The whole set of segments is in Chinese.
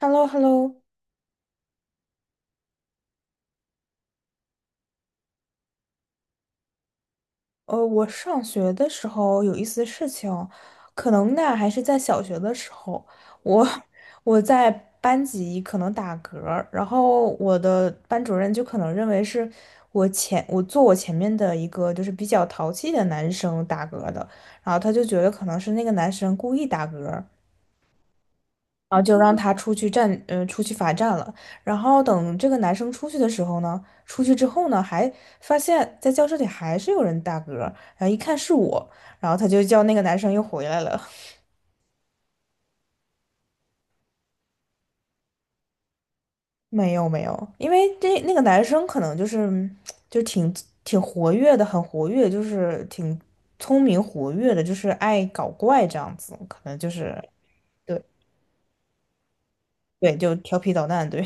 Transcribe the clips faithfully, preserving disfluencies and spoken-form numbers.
h e l l o h e l l o 呃，我上学的时候有一些事情，可能呢还是在小学的时候，我 我在班级可能打嗝儿，然后我的班主任就可能认为是我前我坐我前面的一个就是比较淘气的男生打嗝的，然后他就觉得可能是那个男生故意打嗝，然后就让他出去站，呃，出去罚站了。然后等这个男生出去的时候呢，出去之后呢，还发现在教室里还是有人打嗝，然后一看是我，然后他就叫那个男生又回来了。没有没有，因为这那个男生可能就是嗯就挺挺活跃的，很活跃，就是挺聪明活跃的，就是爱搞怪这样子，可能就是对对，就调皮捣蛋，对，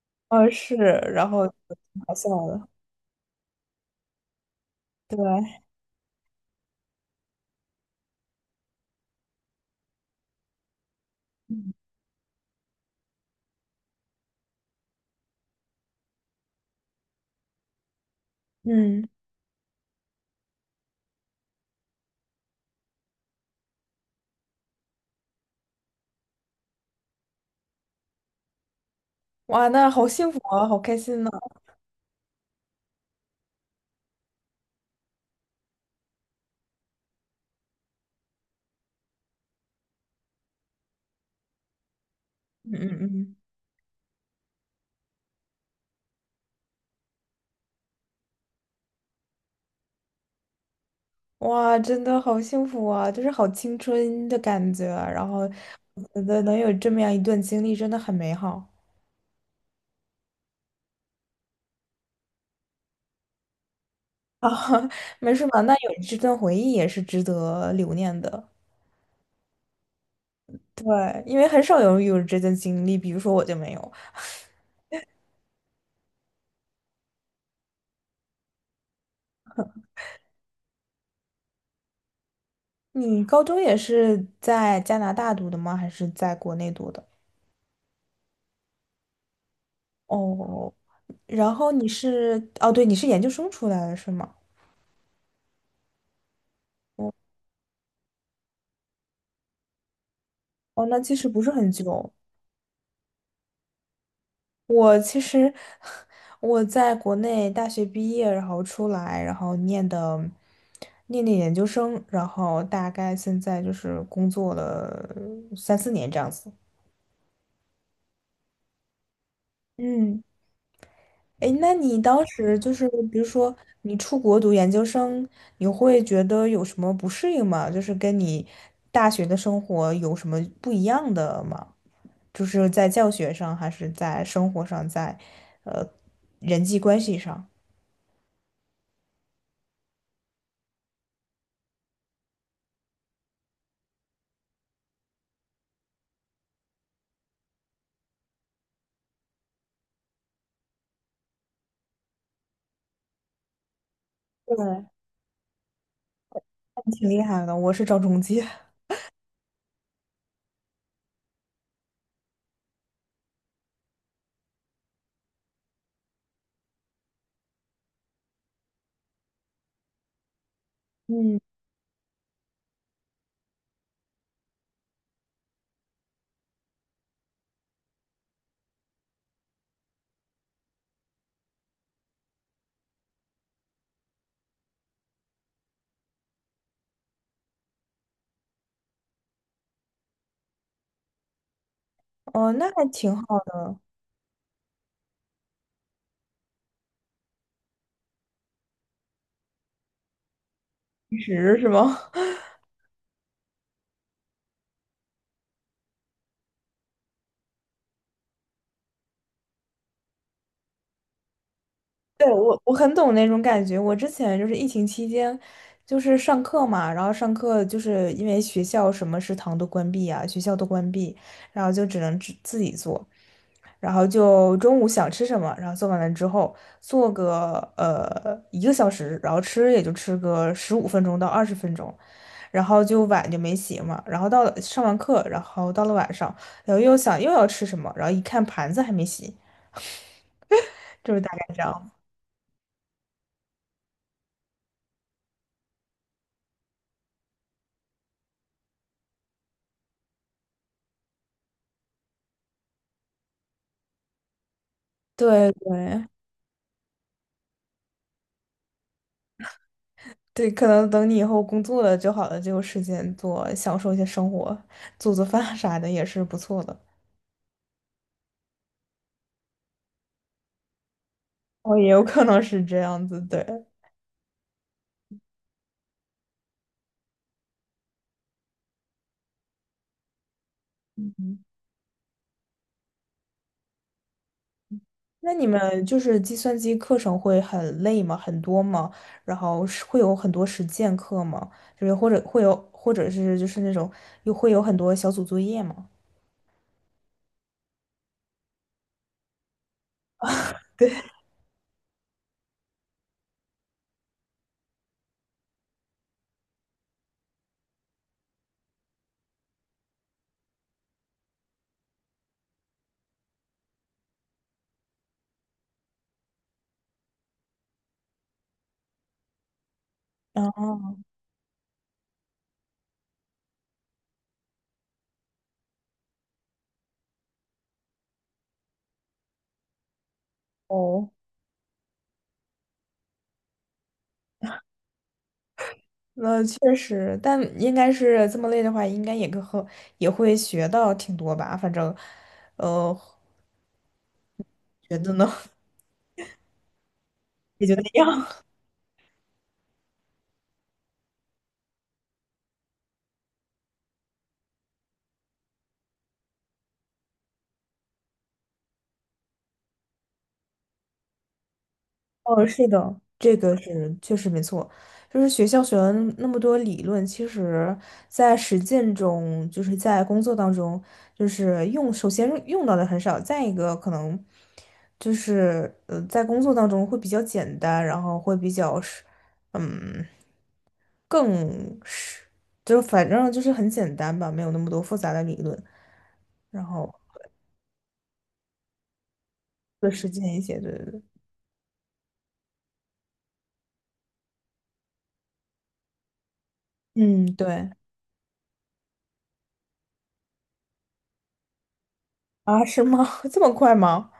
呃是，然后挺好笑的，对，嗯。哇，那好幸福啊，好开心呢、嗯嗯嗯，哇，真的好幸福啊，就是好青春的感觉啊。然后我觉得能有这么样一段经历，真的很美好啊。没事嘛，那有这段回忆也是值得留念的。对，因为很少有有这段经历，比如说我就没有。你高中也是在加拿大读的吗？还是在国内读的？哦，然后你是，哦，对，你是研究生出来的是吗？哦，那其实不是很久。我其实 我在国内大学毕业，然后出来，然后念的念的研究生，然后大概现在就是工作了三四年这样子。嗯，哎，那你当时就是，比如说你出国读研究生，你会觉得有什么不适应吗？就是跟你大学的生活有什么不一样的吗？就是在教学上，还是在生活上，在呃人际关系上？对挺厉害的，我是找中介。嗯，哦，那还挺好，其实，是吗？对，我我很懂那种感觉。我之前就是疫情期间，就是上课嘛，然后上课就是因为学校什么食堂都关闭啊，学校都关闭，然后就只能自自己做，然后就中午想吃什么，然后做完了之后做个呃一个小时，然后吃也就吃个十五分钟到二十分钟，然后就碗就没洗嘛，然后到了上完课，然后到了晚上，然后又想又要吃什么，然后一看盘子还没洗，就是大概这样。对对对，可能等你以后工作了就好了，就有时间做，享受一些生活，做做饭啥的也是不错的。哦，也有可能是这样子，对。嗯，那你们就是计算机课程会很累吗？很多吗？然后是会有很多实践课吗？就是或者会有，或者是就是那种又会有很多小组作业吗？对。哦哦，那确实，但应该是这么累的话，应该也跟和也会学到挺多吧。反正，呃，觉得呢 也就那样。哦，是的，这个是确实没错。就是学校学了那么多理论，其实在实践中，就是在工作当中，就是用首先用到的很少，再一个可能就是呃，在工作当中会比较简单，然后会比较是。嗯。更是，就反正就是很简单吧，没有那么多复杂的理论。然后，嗯，对，啊，是吗？这么快吗？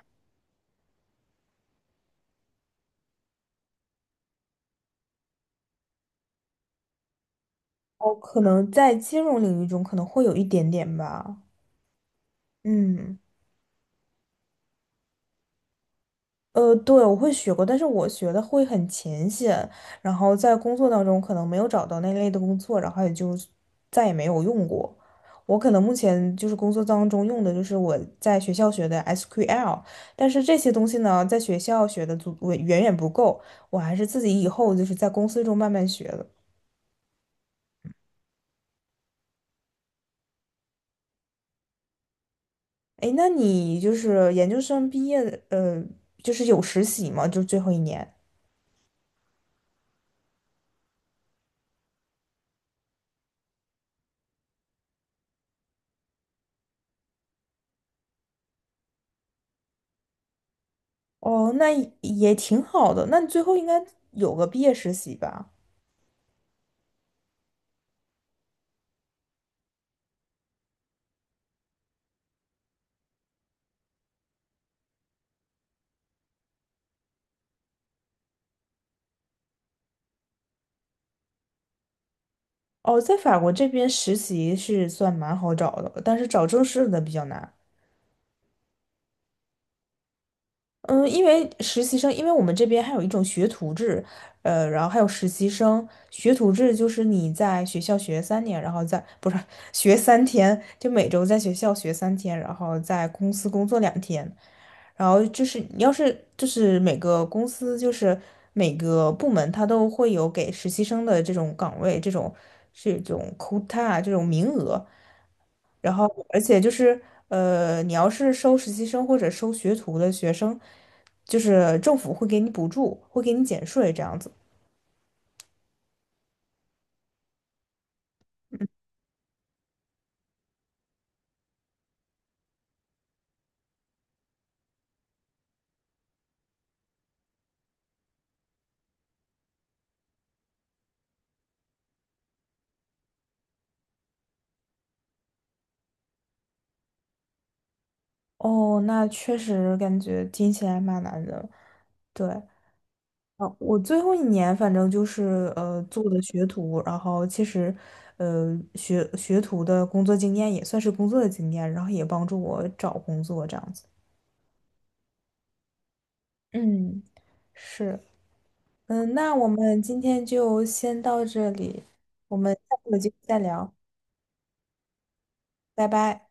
哦，可能在金融领域中可能会有一点点吧。嗯。呃，对，我会学过，但是我学的会很浅显，然后在工作当中可能没有找到那类的工作，然后也就再也没有用过。我可能目前就是工作当中用的就是我在学校学的 S Q L，但是这些东西呢，在学校学的足我远远不够，我还是自己以后就是在公司中慢慢学的。诶，那你就是研究生毕业的，呃，就是有实习吗？就最后一年？哦，那也也挺好的，那你最后应该有个毕业实习吧？哦，在法国这边实习是算蛮好找的，但是找正式的比较难。嗯，因为实习生，因为我们这边还有一种学徒制，呃，然后还有实习生。学徒制就是你在学校学三年，然后在，不是，学三天，就每周在学校学三天，然后在公司工作两天。然后就是你要是就是每个公司就是每个部门它都会有给实习生的这种岗位，这种这种 quota 这种名额。然后，而且就是，呃，你要是收实习生或者收学徒的学生，就是政府会给你补助，会给你减税这样子。哦，那确实感觉听起来蛮难的。对，啊，我最后一年反正就是呃做的学徒，然后其实，呃学学徒的工作经验也算是工作的经验，然后也帮助我找工作这样子。嗯，是。嗯，那我们今天就先到这里，我们下次有机会再聊，拜拜。